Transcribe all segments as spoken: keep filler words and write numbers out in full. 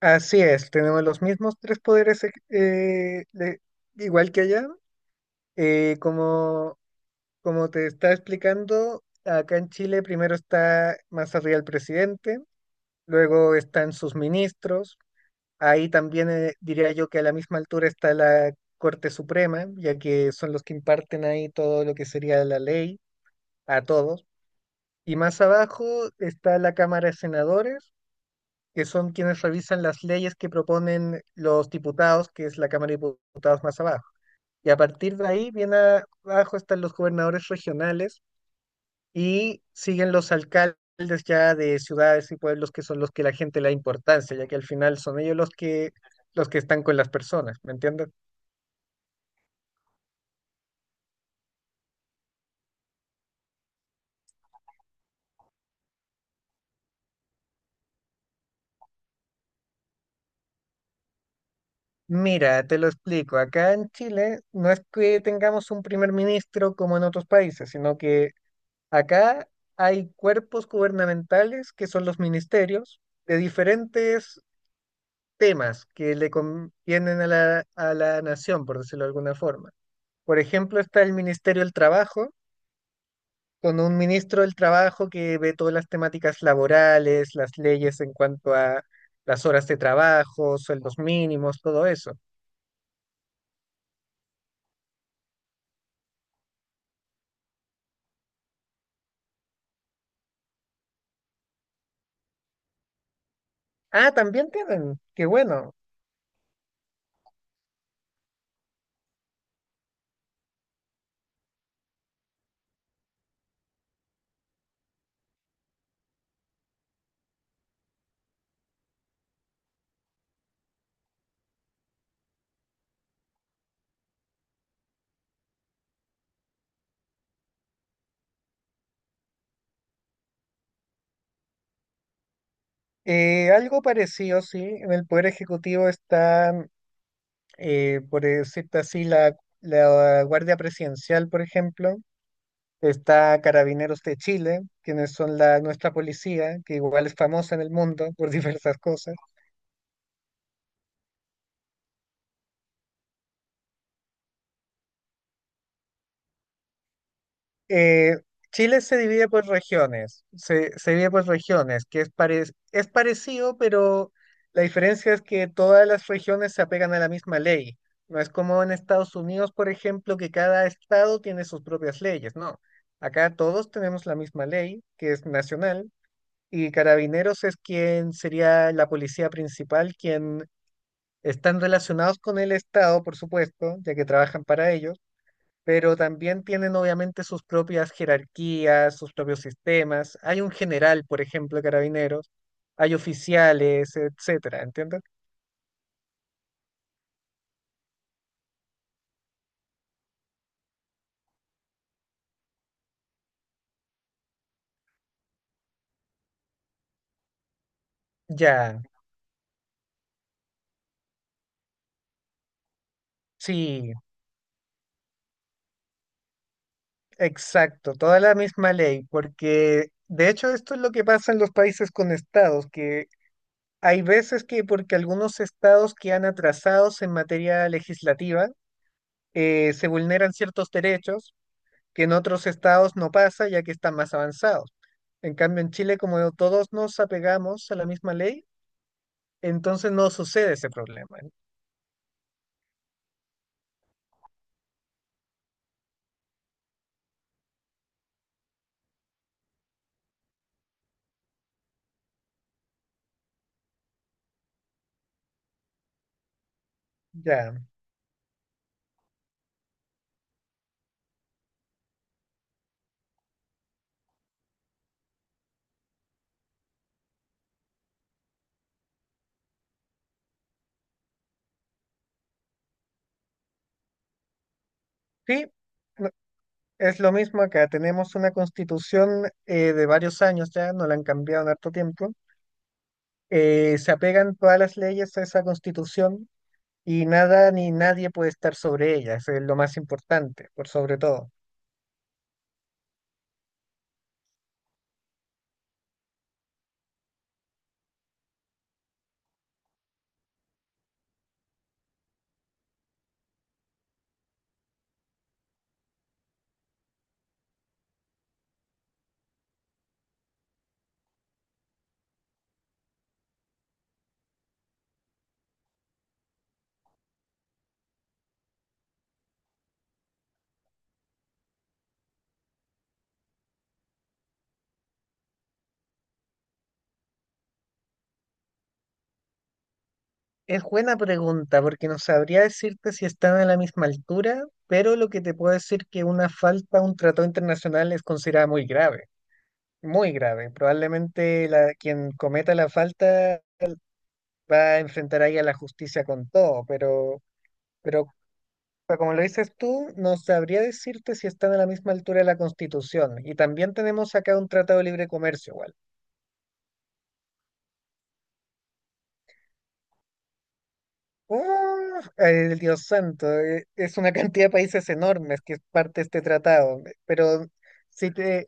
Así es, tenemos los mismos tres poderes, ex- eh, de- igual que allá. Eh, como, como te estaba explicando, acá en Chile primero está más arriba el presidente, luego están sus ministros, ahí también eh, diría yo que a la misma altura está la Corte Suprema, ya que son los que imparten ahí todo lo que sería la ley a todos. Y más abajo está la Cámara de Senadores que son quienes revisan las leyes que proponen los diputados, que es la Cámara de Diputados más abajo. Y a partir de ahí, bien abajo están los gobernadores regionales y siguen los alcaldes ya de ciudades y pueblos que son los que la gente le da importancia, ya que al final son ellos los que los que están con las personas, ¿me entiendes? Mira, te lo explico, acá en Chile no es que tengamos un primer ministro como en otros países, sino que acá hay cuerpos gubernamentales que son los ministerios de diferentes temas que le convienen a la, a la nación, por decirlo de alguna forma. Por ejemplo, está el Ministerio del Trabajo, con un ministro del Trabajo que ve todas las temáticas laborales, las leyes en cuanto a las horas de trabajo, sueldos mínimos, todo eso. Ah, también tienen, qué bueno. Eh, algo parecido, sí, en el Poder Ejecutivo está eh, por decirte así, la, la Guardia Presidencial, por ejemplo, está Carabineros de Chile, quienes son la, nuestra policía, que igual es famosa en el mundo por diversas cosas. Eh, Chile se divide por regiones, se, se divide por regiones, que es, pare- es parecido, pero la diferencia es que todas las regiones se apegan a la misma ley. No es como en Estados Unidos, por ejemplo, que cada estado tiene sus propias leyes, no. Acá todos tenemos la misma ley, que es nacional. Y Carabineros es quien sería la policía principal, quien están relacionados con el Estado, por supuesto, ya que trabajan para ellos, pero también tienen obviamente sus propias jerarquías, sus propios sistemas. Hay un general, por ejemplo, de Carabineros, hay oficiales, etcétera, ¿entiendes? Ya, sí, exacto, toda la misma ley, porque de hecho esto es lo que pasa en los países con estados, que hay veces que porque algunos estados quedan atrasados en materia legislativa, eh, se vulneran ciertos derechos que en otros estados no pasa ya que están más avanzados. En cambio, en Chile, como todos nos apegamos a la misma ley, entonces no sucede ese problema. Ya, sí, no- es lo mismo acá. Tenemos una constitución eh, de varios años ya, no la han cambiado en harto tiempo. Eh, se apegan todas las leyes a esa constitución y nada ni nadie puede estar sobre ella, eso es lo más importante, por sobre todo. Es buena pregunta porque no sabría decirte si están a la misma altura, pero lo que te puedo decir que una falta a un tratado internacional es considerada muy grave, muy grave. Probablemente la, quien cometa la falta va a enfrentar ahí a la justicia con todo, pero, pero pero como lo dices tú, no sabría decirte si están a la misma altura de la Constitución. Y también tenemos acá un tratado de libre comercio, igual. ¡Oh, el Dios santo! Eh, es una cantidad de países enormes que es parte de este tratado, pero sí te,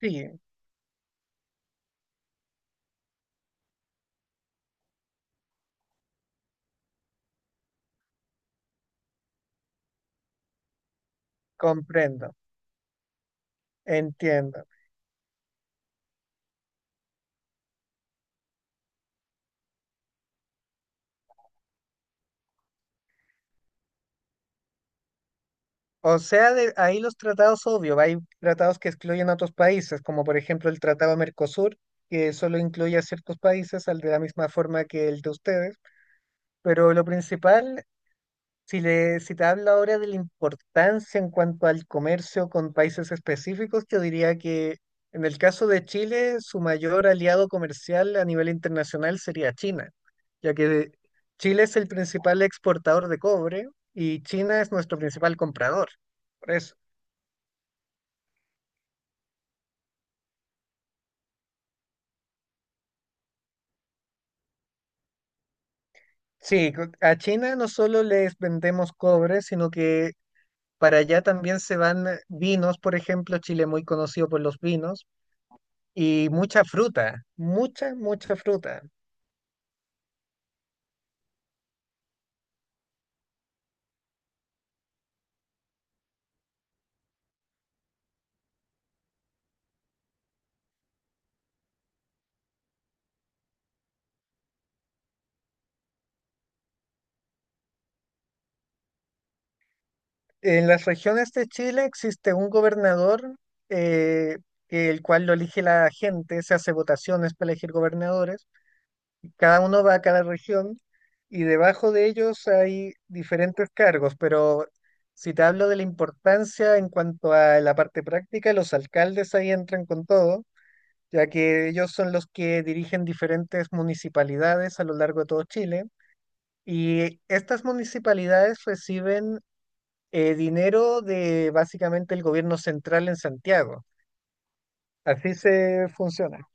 sí, comprendo, entiendo. O sea, de, ahí los tratados, obvio, hay tratados que excluyen a otros países, como por ejemplo el Tratado Mercosur, que solo incluye a ciertos países, al de la misma forma que el de ustedes, pero lo principal, Si, le, si te hablo ahora de la importancia en cuanto al comercio con países específicos, yo diría que en el caso de Chile, su mayor aliado comercial a nivel internacional sería China, ya que Chile es el principal exportador de cobre y China es nuestro principal comprador. Por eso, sí, co- a China no solo les vendemos cobre, sino que para allá también se van vinos, por ejemplo, Chile es muy conocido por los vinos, y mucha fruta, mucha, mucha fruta. En las regiones de Chile existe un gobernador, eh, el cual lo elige la gente, se hace votaciones para elegir gobernadores, cada uno va a cada región y debajo de ellos hay diferentes cargos, pero si te hablo de la importancia en cuanto a la parte práctica, los alcaldes ahí entran con todo, ya que ellos son los que dirigen diferentes municipalidades a lo largo de todo Chile. Y estas municipalidades reciben eh, dinero de básicamente el gobierno central en Santiago. Así se funciona.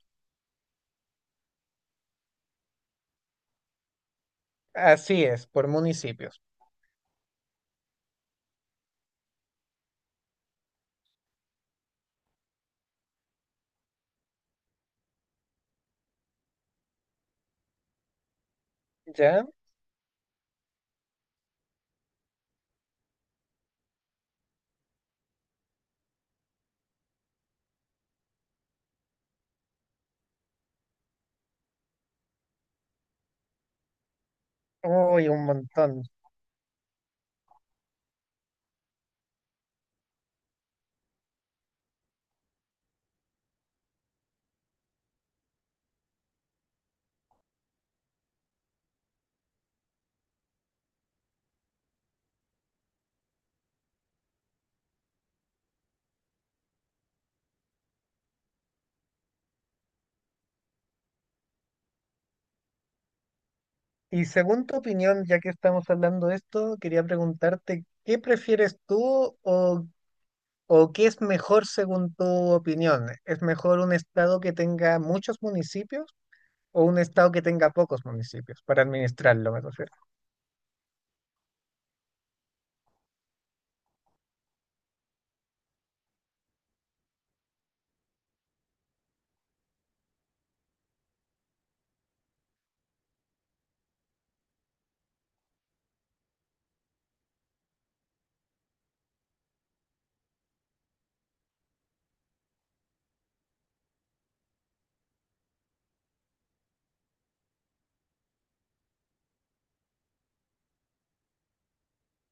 Así es, por municipios. ¿Ya? Uy, un montón. Y según tu opinión, ya que estamos hablando de esto, quería preguntarte, ¿qué prefieres tú? ¿O o qué es mejor según tu opinión? ¿Es mejor un estado que tenga muchos municipios o un estado que tenga pocos municipios para administrarlo, me refiero?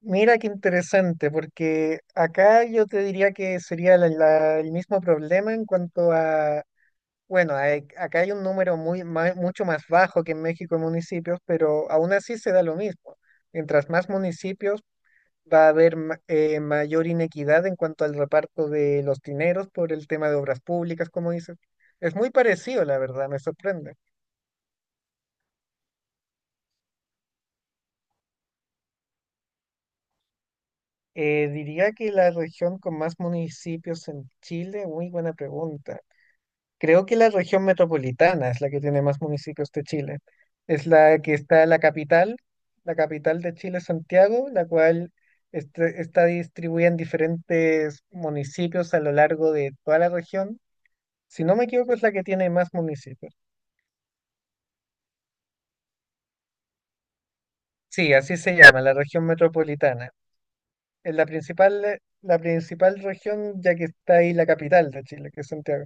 Mira qué interesante, porque acá yo te diría que sería la- la- el mismo problema en cuanto a, bueno, hay- acá hay un número muy, ma- mucho más bajo que en México en municipios, pero aún así se da lo mismo. Mientras más municipios, va a haber ma- eh, mayor inequidad en cuanto al reparto de los dineros por el tema de obras públicas, como dices. Es muy parecido, la verdad, me sorprende. Eh, diría que la región con más municipios en Chile, muy buena pregunta. Creo que la región metropolitana es la que tiene más municipios de Chile. Es la que está en la capital, la capital de Chile, Santiago, la cual este- está distribuida en diferentes municipios a lo largo de toda la región. Si no me equivoco, es la que tiene más municipios. Sí, así se llama, la región metropolitana. Es la principal, la principal región, ya que está ahí la capital de Chile, que es Santiago.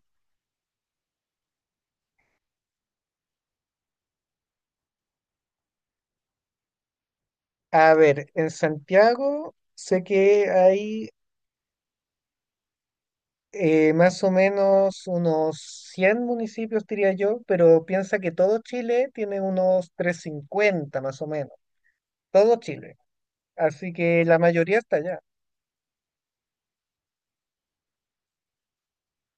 A ver, en Santiago sé que hay Eh, más o menos unos cien municipios, diría yo, pero piensa que todo Chile tiene unos trescientos cincuenta, más o menos. Todo Chile. Así que la mayoría está allá.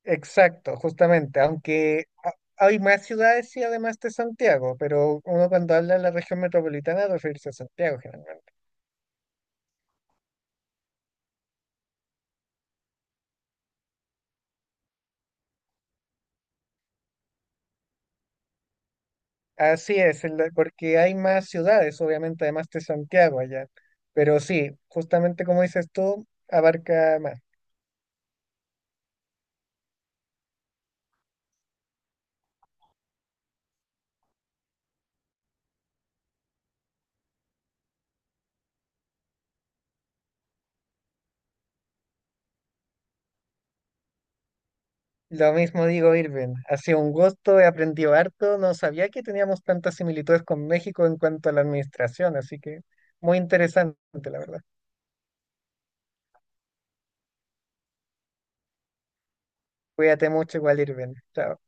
Exacto, justamente. Aunque ha- hay más ciudades, y además de Santiago, pero uno cuando habla de la región metropolitana referirse a Santiago generalmente. Así es, el de- porque hay más ciudades, obviamente, además de Santiago allá. Pero sí, justamente como dices tú, abarca más. Lo mismo digo, Irving. Ha sido un gusto, he aprendido harto. No sabía que teníamos tantas similitudes con México en cuanto a la administración, así que muy interesante, la verdad. Cuídate mucho igual, Irving. Chao.